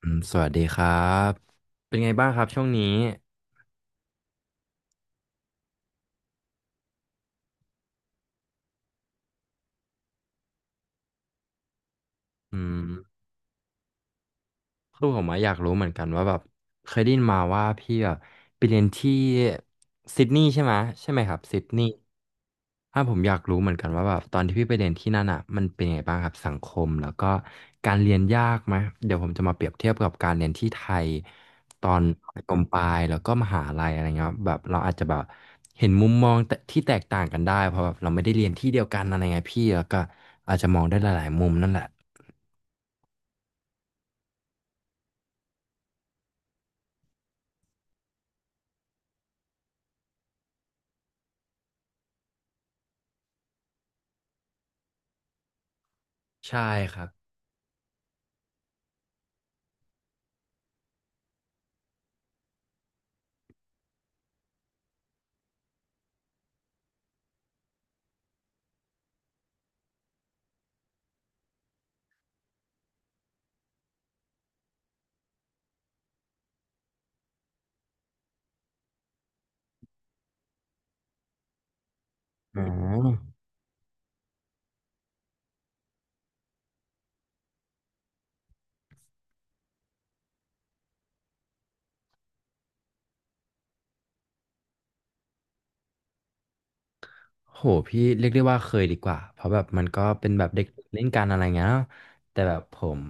อืมสวัสดีครับ เป็นไงบ้างครับช่วงนี้อืมคือผมอะอยากรู้เหมือนกันว่าแบบเคยได้ยินมาว่าพี่แบบไปเรียนที่ซิดนีย์ใช่ไหมใช่ไหมครับซิดนีย์ ถ้าผมอยากรู้เหมือนกันว่าแบบตอนที่พี่ไปเรียนที่นั่นอ่ะมันเป็นยังไงบ้างครับสังคมแล้วก็การเรียนยากไหมเดี๋ยวผมจะมาเปรียบเทียบกับการเรียนที่ไทยตอนประถมปลายแล้วก็มหาลัยอะไรเงี้ยครับแบบเราอาจจะแบบเห็นมุมมองแต่ที่แตกต่างกันได้เพราะแบบเราไม่ได้เรียนที่เดียวกันอะไรเงี้ยพี่แล้วก็อาจจะมองได้หลายๆมุมนั่นแหละใช่ครับอืม โหพี่เรียกได้ว่าเคยดีกว่า เพราะแบบมันก็เป็นแบบเด็กเล่นกันอะไรเงี้ยเนาะแต่แบบผม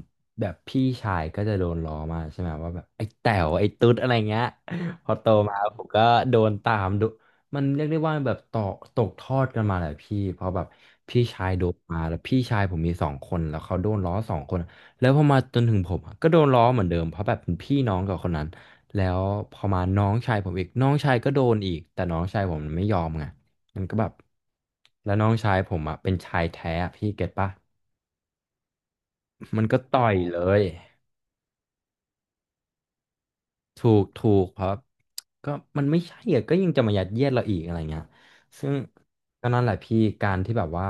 แบบพี่ชายก็จะโดนล้อมาใช่ไหมว่าแบบไอ้แต๋วไอ้ตุ๊ดอะไรเงี้ยพอโตมาผมก็โดนตามดูมันเรียกได้ว่าแบบต่อตกทอดกันมาแหละพี่เพราะแบบพี่ชายโดนมาแล้วพี่ชายผมมีสองคนแล้วเขาโดนล้อสองคนแล้วพอมาจนถึงผมอะก็โดนล้อเหมือนเดิมเพราะแบบเป็นพี่น้องกับคนนั้นแล้วพอมาน้องชายผมอีกน้องชายก็โดนอีกแต่น้องชายผมมันไม่ยอมไง มันก็แบบแล้วน้องชายผมอ่ะเป็นชายแท้อะพี่เก็ตปะมันก็ต่อยเลยถูกถูกเพราะก็มันไม่ใช่อะก็ยังจะมายัดเยียดเราอีกอะไรเงี้ยซึ่งก็นั่นแหละพี่การที่แบบว่า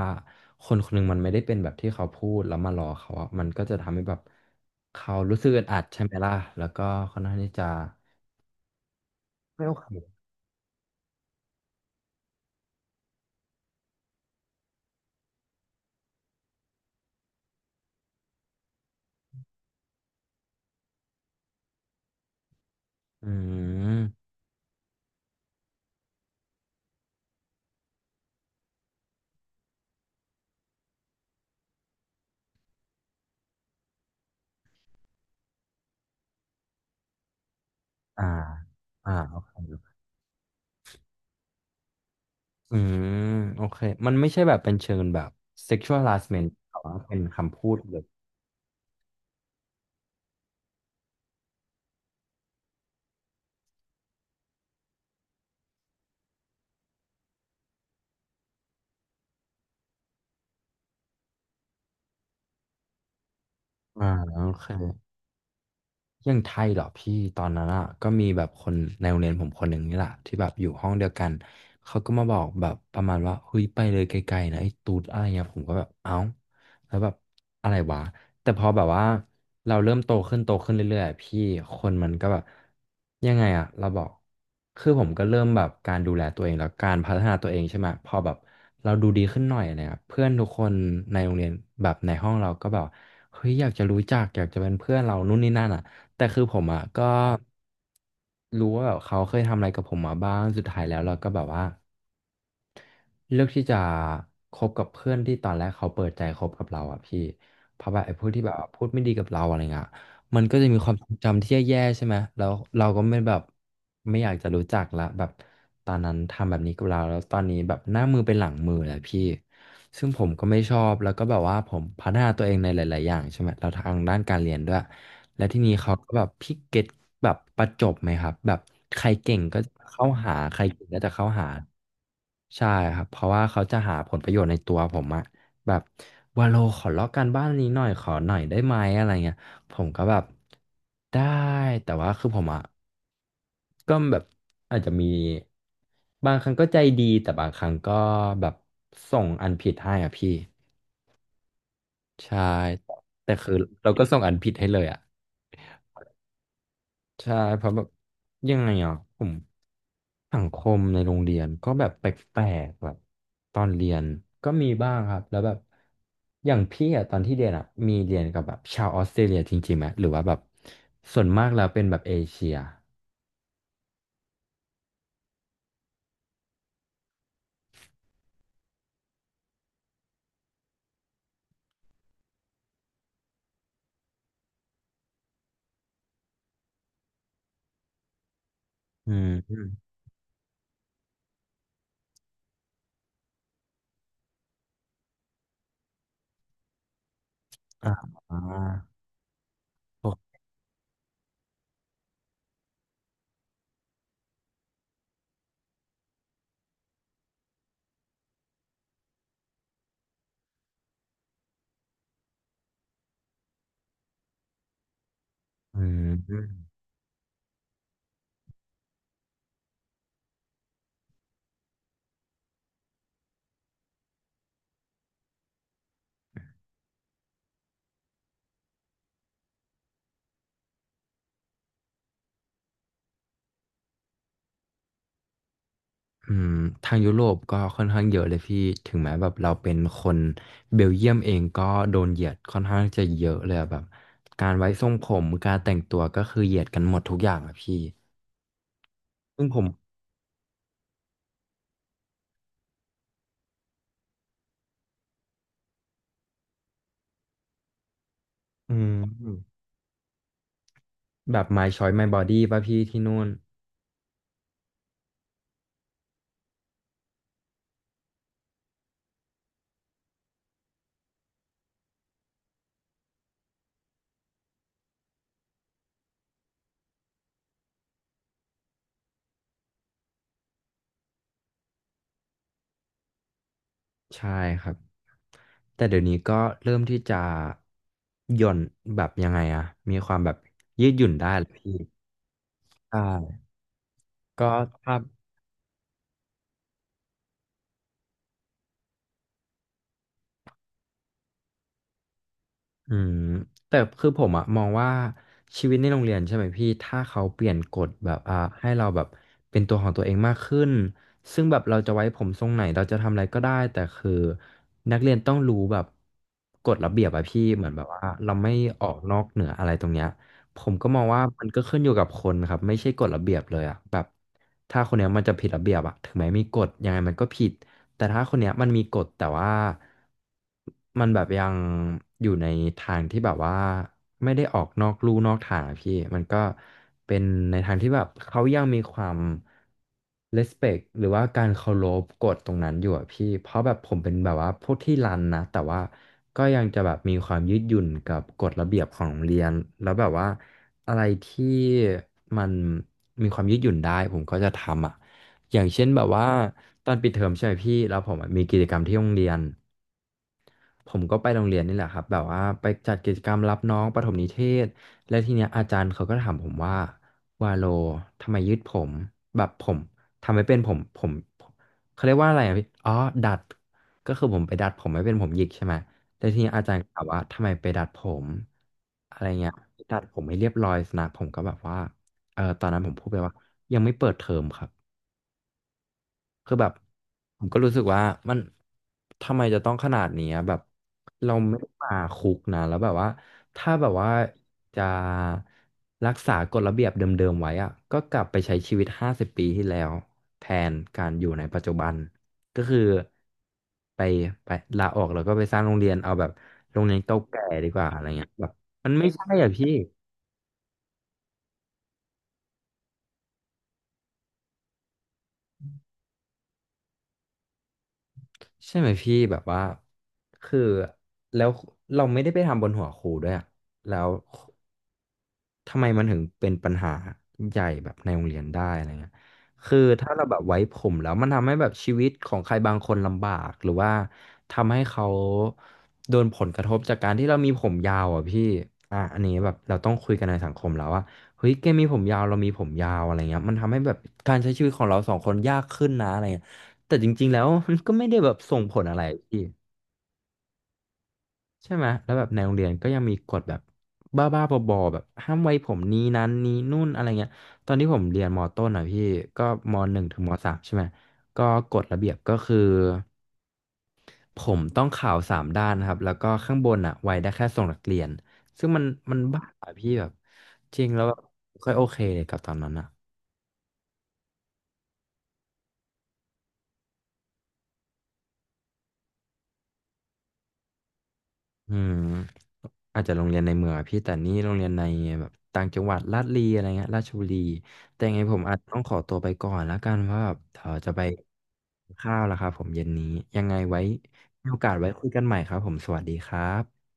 คนคนหนึงมันไม่ได้เป็นแบบที่เขาพูดแล้วมารอเขาอะมันก็จะทำให้แบบเขารู้สึกอึดอัดใช่ไหมล่ะแล้วก็ค่อนข้างที่จะไม่โอเคอืมอ่าอ่าอืมโอเคมันไม่ใช่แบบเป็นเชิงแบบ sexual harassment แต่ว่าเป็นคำพูดเลย อ่าโอเคอ อย่างไทยเหรอพี่ตอนนั้นอ่ะก็มีแบบคนในโรงเรียนผมคนหนึ่งนี่แหละที่แบบอยู่ห้องเดียวกันเขาก็มาบอกแบบประมาณว่าเฮ้ยไปเลยไกลๆนะไอ้ตูดอะไรเงี้ยผมก็แบบเอ้าแล้วแบบอะไรวะแต่พอแบบว่าเราเริ่มโตขึ้นโตขึ้นเรื่อยๆอะพี่คนมันก็แบบยังไงอ่ะเราบอกคือผมก็เริ่มแบบการดูแลตัวเองแล้วการพัฒนาตัวเองใช่ไหมพอแบบเราดูดีขึ้นหน่อยอะไรเงี้ยเพื่อนทุกคนในโรงเรียนแบบในห้องเราก็แบบเฮ้ยอยากจะรู้จักอยากจะเป็นเพื่อนเรานู่นนี่นั่นอ่ะ แต่คือผมอ่ะก็รู้ว่าแบบเขาเคยทำอะไรกับผมมาบ้างสุดท้ายแล้วเราก็แบบว่าเลือกที่จะคบกับเพื่อนที่ตอนแรกเขาเปิดใจคบกับเราอ่ะพี่เพราะแบบไอ้พวกที่แบบว่าพูดไม่ดีกับเราอะไรเงี้ยมันก็จะมีความทรงจำที่แย่ๆใช่ไหมแล้วเราก็ไม่แบบไม่อยากจะรู้จักละแบบตอนนั้นทำแบบนี้กับเราแล้วตอนนี้แบบหน้ามือเป็นหลังมือแล้วพี่ ซึ่งผมก็ไม่ชอบแล้วก็แบบว่าผมพัฒนาตัวเองในหลายๆอย่างใช่ไหมเราทางด้านการเรียนด้วยและที่นี้เขาก็แบบพิกเก็ตแบบประจบไหมครับแบบใครเก่งก็จะเข้าหาใครเก่งก็จะเข้าหาใช่ครับเพราะว่าเขาจะหาผลประโยชน์ในตัวผมอะแบบวาโลขอลอกการบ้านนี้หน่อยขอหน่อยได้ไหมอะไรเงี้ยผมก็แบบได้แต่ว่าคือผมอะก็แบบอาจจะมีบางครั้งก็ใจดีแต่บางครั้งก็แบบส่งอันผิดให้อะพี่ ใช่แต่คือเราก็ส่งอันผิดให้เลยอ่ะใช่เพราะแบบยังไงอ่ะผมสังคมในโรงเรียนก็แบบแปลกๆแบบตอนเรียนก็มีบ้างครับแล้วแบบอย่างพี่อ่ะตอนที่เรียนอ่ะมีเรียนกับแบบชาวออสเตรเลียจริงๆไหมหรือว่าแบบส่วนมากแล้วเป็นแบบเอเชียอืมอมอ่าโออืม อืมทางยุโรปก็ค่อนข้างเยอะเลยพี่ถึงแม้แบบเราเป็นคนเบลเยียมเองก็โดนเหยียดค่อนข้างจะเยอะเลยอะแบบการไว้ทรงผมการแต่งตัวก็คือเหยียดกันหมดทุกอย่างอะพี่ซึ่งผมอืมแบบ my choice my body ป่ะพี่ที่นู่นใช่ครับแต่เดี๋ยวนี้ก็เริ่มที่จะหย่อนแบบยังไงอะมีความแบบยืดหยุ่นได้แล้วพี่ใช่ก็ถ้า อืมแต่คือผมอะมองว่าชีวิตในโรงเรียนใช่ไหมพี่ถ้าเขาเปลี่ยนกฎแบบให้เราแบบเป็นตัวของตัวเองมากขึ้นซึ่งแบบเราจะไว้ผมทรงไหนเราจะทำอะไรก็ได้แต่คือนักเรียนต้องรู้แบบกฎระเบียบอะพี่เหมือนแบบว่าเราไม่ออกนอกเหนืออะไรตรงเนี้ยผมก็มองว่ามันก็ขึ้นอยู่กับคนครับไม่ใช่กฎระเบียบเลยอะแบบถ้าคนเนี้ยมันจะผิดระเบียบอะถึงแม้มีกฎยังไงมันก็ผิด แต่ถ้าคนเนี้ยมันมีกฎแต่ว่ามันแบบยังอยู่ในทางที่แบบว่าไม่ได้ออกนอกลู่นอกทางอะพี่มันก็เป็นในทางที่แบบเขายังมีความ respect หรือว่าการเคารพกฎตรงนั้นอยู่อะพี่เพราะแบบผมเป็นแบบว่าพวกที่รันนะแต่ว่าก็ยังจะแบบมีความยืดหยุ่นกับกฎระเบียบของโรงเรียนแล้วแบบว่าอะไรที่มันมีความยืดหยุ่นได้ผมก็จะทำอ่ะ อย่างเช่นแบบว่าตอนปิดเทอมใช่ไหมพี่แล้วผมอะมีกิจกรรมที่โรงเรียนผมก็ไปโรงเรียนนี่แหละครับแบบว่าไปจัดกิจกรรมรับน้องประถมนิเทศและทีเนี้ยอาจารย์เขาก็ถามผมว่าวาโลทำไมยืดผมแบบผมทำไม่เป็นผมผมเขาเรียกว่าอะไรอ่ะพี่อ๋อดัดก็คือผมไปดัดผมไม่เป็นผมหยิกใช่ไหมแต่ทีเนี้ยอาจารย์ก็ถามว่าทำไมไปดัดผมอะไรเงี้ยดัดผมให้เรียบร้อยสนะผมก็แบบว่าเออตอนนั้นผมพูดไปว่ายังไม่เปิดเทอมครับ คือแบบผมก็รู้สึกว่ามันทำไมจะต้องขนาดนี้อะแบบเราไม่ได้มาคุกนะแล้วแบบว่าถ้าแบบว่าจะรักษากฎระเบียบเดิมๆไว้อะก็กลับไปใช้ชีวิต50ปีที่แล้วแทนการอยู่ในปัจจุบันก็คือไปไปลาออกแล้วก็ไปสร้างโรงเรียนเอาแบบโรงเรียนเก่าแก่ดีกว่าอะไรเงี้ยแบบมันไม่ใช่อ่ะพี่ใช่ไหมพี่แบบว่าคือแล้วเราไม่ได้ไปทำบนหัวครูด้วยอะแล้ว ทำไมมันถึงเป็นปัญหาใหญ่แบบในโรงเรียนได้อะไรเงี้ยคือถ้าเราแบบไว้ผมแล้วมันทำให้แบบชีวิตของใครบางคนลำบากหรือว่าทำให้เขาโดนผลกระทบจากการที่เรามีผมยาวอ่ะพี่อ่ะอันนี้แบบเราต้องคุยกันในสังคมแล้วว่าเฮ้ยแกมีผมยาวเรามีผมยาวอะไรเงี้ยมันทำให้แบบการใช้ชีวิตของเราสองคนยากขึ้นนะอะไรเงี้ยแต่จริงๆแล้วมันก็ไม่ได้แบบส่งผลอะไรพี่ ใช่ไหมแล้วแบบในโรงเรียนก็ยังมีกฎแบบบ้าๆบอๆแบบห้ามไว้ผมนี้นั้นนี้นู่นอะไรเงี้ย ตอนที่ผมเรียนมต้นอ่ะพี่ก็ม.1ถึงม.3ใช่ไหมก็กฎระเบียบก็คือผมต้องขาวสามด้านนะครับ แล้วก็ข้างบนอ่ะไว้ได้แค่ทรงนักเรียน ซึ่งมันบ้าอะพี่แบบจริงแล้วแบบไม่ค่อยโอเคเลยกับตอนนั้นอ่ะ อืมอาจจะโรงเรียนในเมืองอะพี่แต่นี่โรงเรียนในแบบต่างจังหวัดลาดลีอะไรเงี้ยราชบุรีแต่ยังไงผมอาจต้องขอตัวไปก่อนแล้วกันเพราะแบบเดี๋ยวจะไปกินข้าวแล้วครับผมเย็นนี้ยังไงไว้มีโอกาสไว้คุยกันใหม่ครับผมสวัสดีครับ